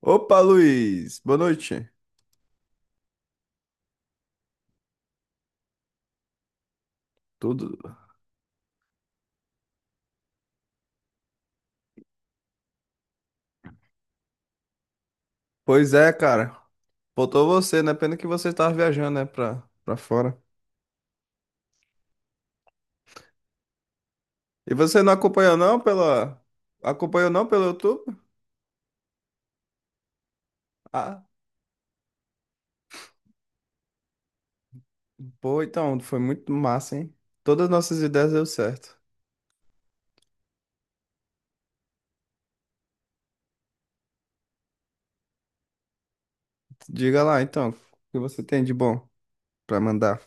Opa, Luiz, boa noite. Tudo? Pois é, cara. Faltou você, né? Pena que você estava viajando, né, pra fora. E você não acompanhou não pela acompanhou não pelo YouTube? Ah, pô, então, foi muito massa, hein? Todas as nossas ideias deu certo. Diga lá, então, o que você tem de bom pra mandar?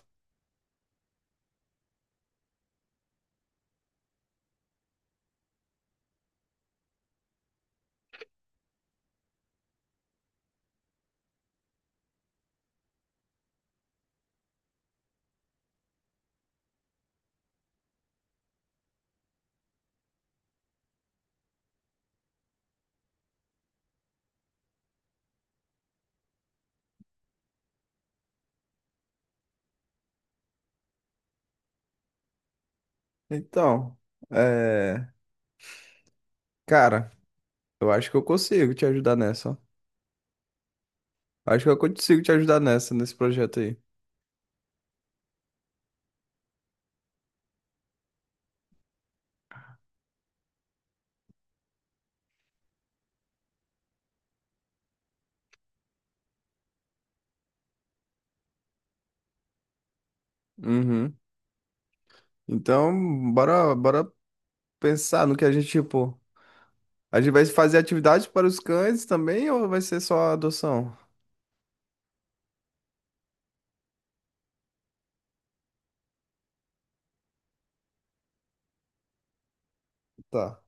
Então, é, cara, eu acho que eu consigo te ajudar nessa, ó. Acho que eu consigo te ajudar nessa nesse projeto aí. Uhum. Então, bora pensar no que a gente, tipo, a gente vai fazer atividades para os cães também ou vai ser só adoção? Tá.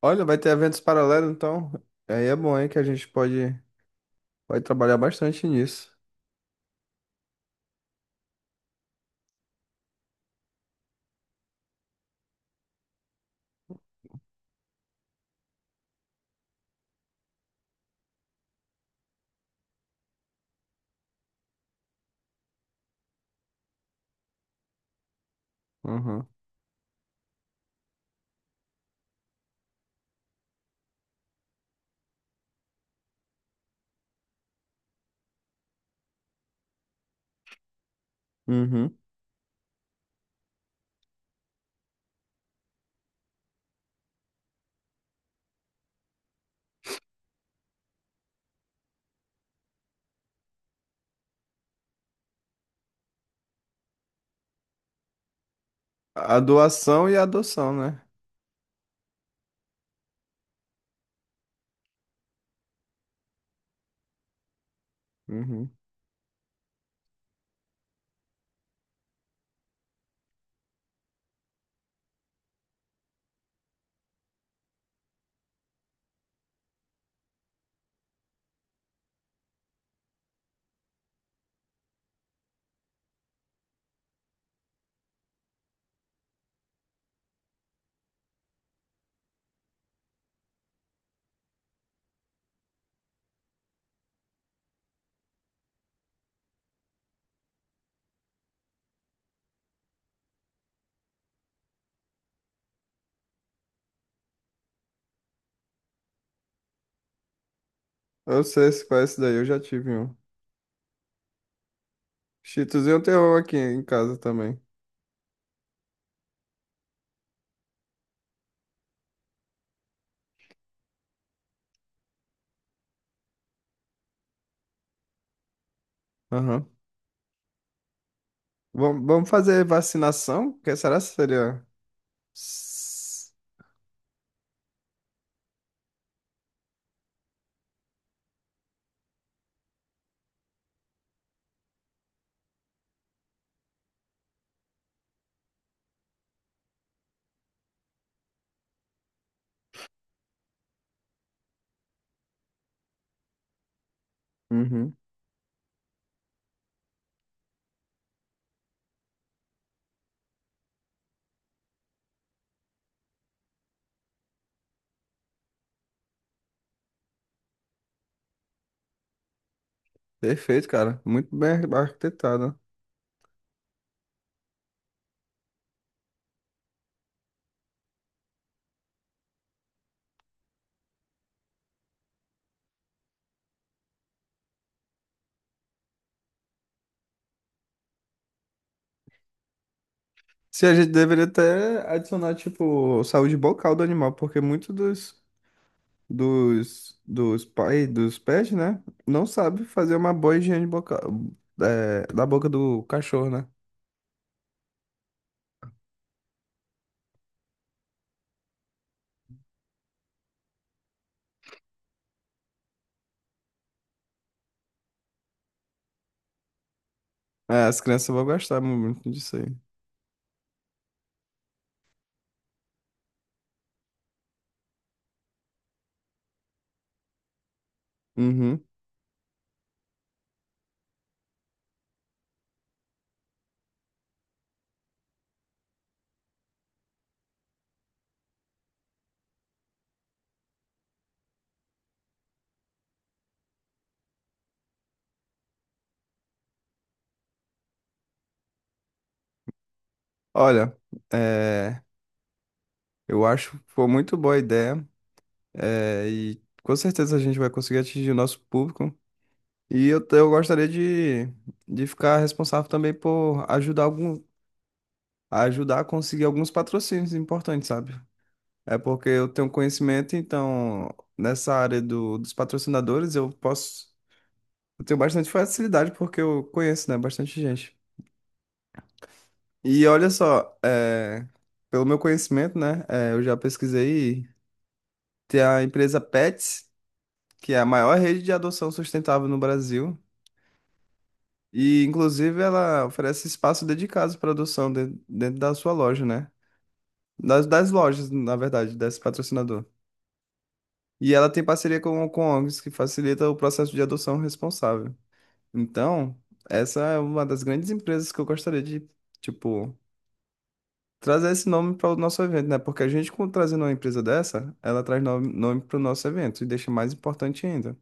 Olha, vai ter eventos paralelos, então. Aí é bom, hein, que pode trabalhar bastante nisso. Uhum. Uhum. A doação e a adoção, né? Uhum. Eu sei se conhece daí, eu já tive um. Chitozinho tem um aqui em casa também. Aham. Vamos fazer vacinação? Que será que seria? S- Uhum. Perfeito, cara. Muito bem arquitetado. Se a gente deveria até adicionar, tipo, saúde bucal do animal, porque dos pais, dos pets, né, não sabe fazer uma boa higiene bucal, é, da boca do cachorro, né? É, as crianças vão gostar muito disso aí. Uhum. Olha, é, eu acho que foi muito boa a ideia, é, e com certeza a gente vai conseguir atingir o nosso público. E eu gostaria de ficar responsável também por ajudar algum a ajudar a conseguir alguns patrocínios importantes, sabe? É porque eu tenho conhecimento, então nessa área dos patrocinadores eu tenho bastante facilidade porque eu conheço, né, bastante gente. E olha só, é, pelo meu conhecimento, né, é, eu já pesquisei, tem a empresa Pets, que é a maior rede de adoção sustentável no Brasil. E, inclusive, ela oferece espaço dedicado para adoção dentro da sua loja, né? Das lojas, na verdade, desse patrocinador. E ela tem parceria com ONGs que facilita o processo de adoção responsável. Então, essa é uma das grandes empresas que eu gostaria de, tipo, trazer esse nome para o nosso evento, né? Porque a gente, com- trazendo uma empresa dessa, ela traz nome, nome para o nosso evento e deixa mais importante ainda.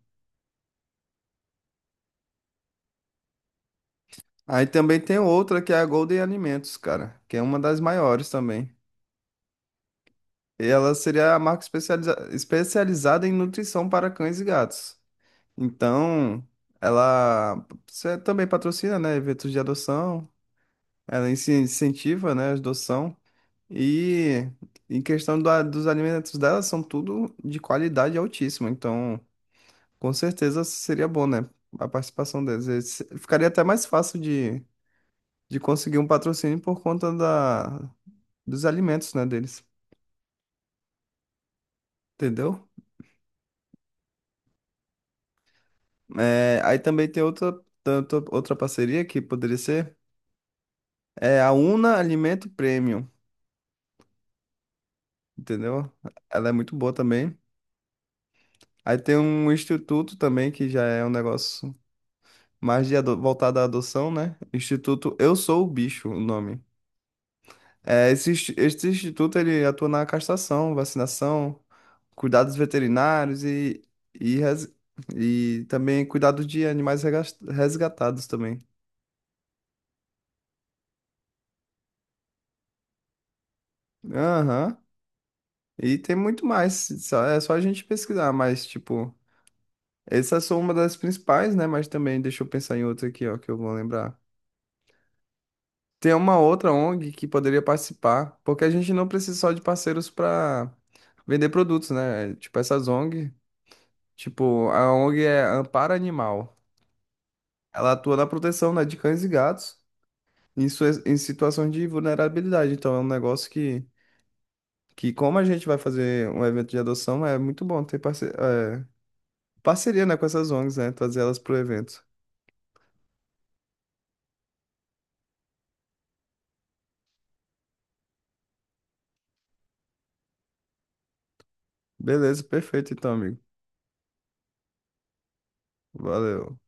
Aí também tem outra que é a Golden Alimentos, cara, que é uma das maiores também. E ela seria a marca especializada em nutrição para cães e gatos. Então, ela você também patrocina, né, eventos de adoção. Ela inci- incentiva, né, a adoção. E em questão da- dos alimentos dela, são tudo de qualidade altíssima. Então, com certeza seria bom, né, a participação deles. E se- Ficaria até mais fácil de conseguir um patrocínio por conta da, dos alimentos, né, deles. Entendeu? É, aí também tem outra, tanto- outra parceria que poderia ser é a Una Alimento Premium, entendeu? Ela é muito boa também. Aí tem um instituto também que já é um negócio mais de ado- voltada à adoção, né? Instituto Eu Sou o Bicho, o nome. É, esse, insti- esse instituto ele atua na castração, vacinação, cuidados veterinários res- e também cuidado de animais regas- resgatados também. Aham. E tem muito mais, só- é só a gente pesquisar, mas tipo, essas são uma das principais, né? Mas também deixa eu pensar em outra aqui, ó, que eu vou lembrar. Tem uma outra ONG que poderia participar, porque a gente não precisa só de parceiros para vender produtos, né? Tipo essas ONG, tipo a ONG é Amparo Animal. Ela atua na proteção, né, de cães e gatos em, suas- em situações de vulnerabilidade. Então é um negócio que como a gente vai fazer um evento de adoção, é muito bom ter parceria, né, com essas ONGs, né? Trazer elas pro evento. Beleza, perfeito então, amigo. Valeu.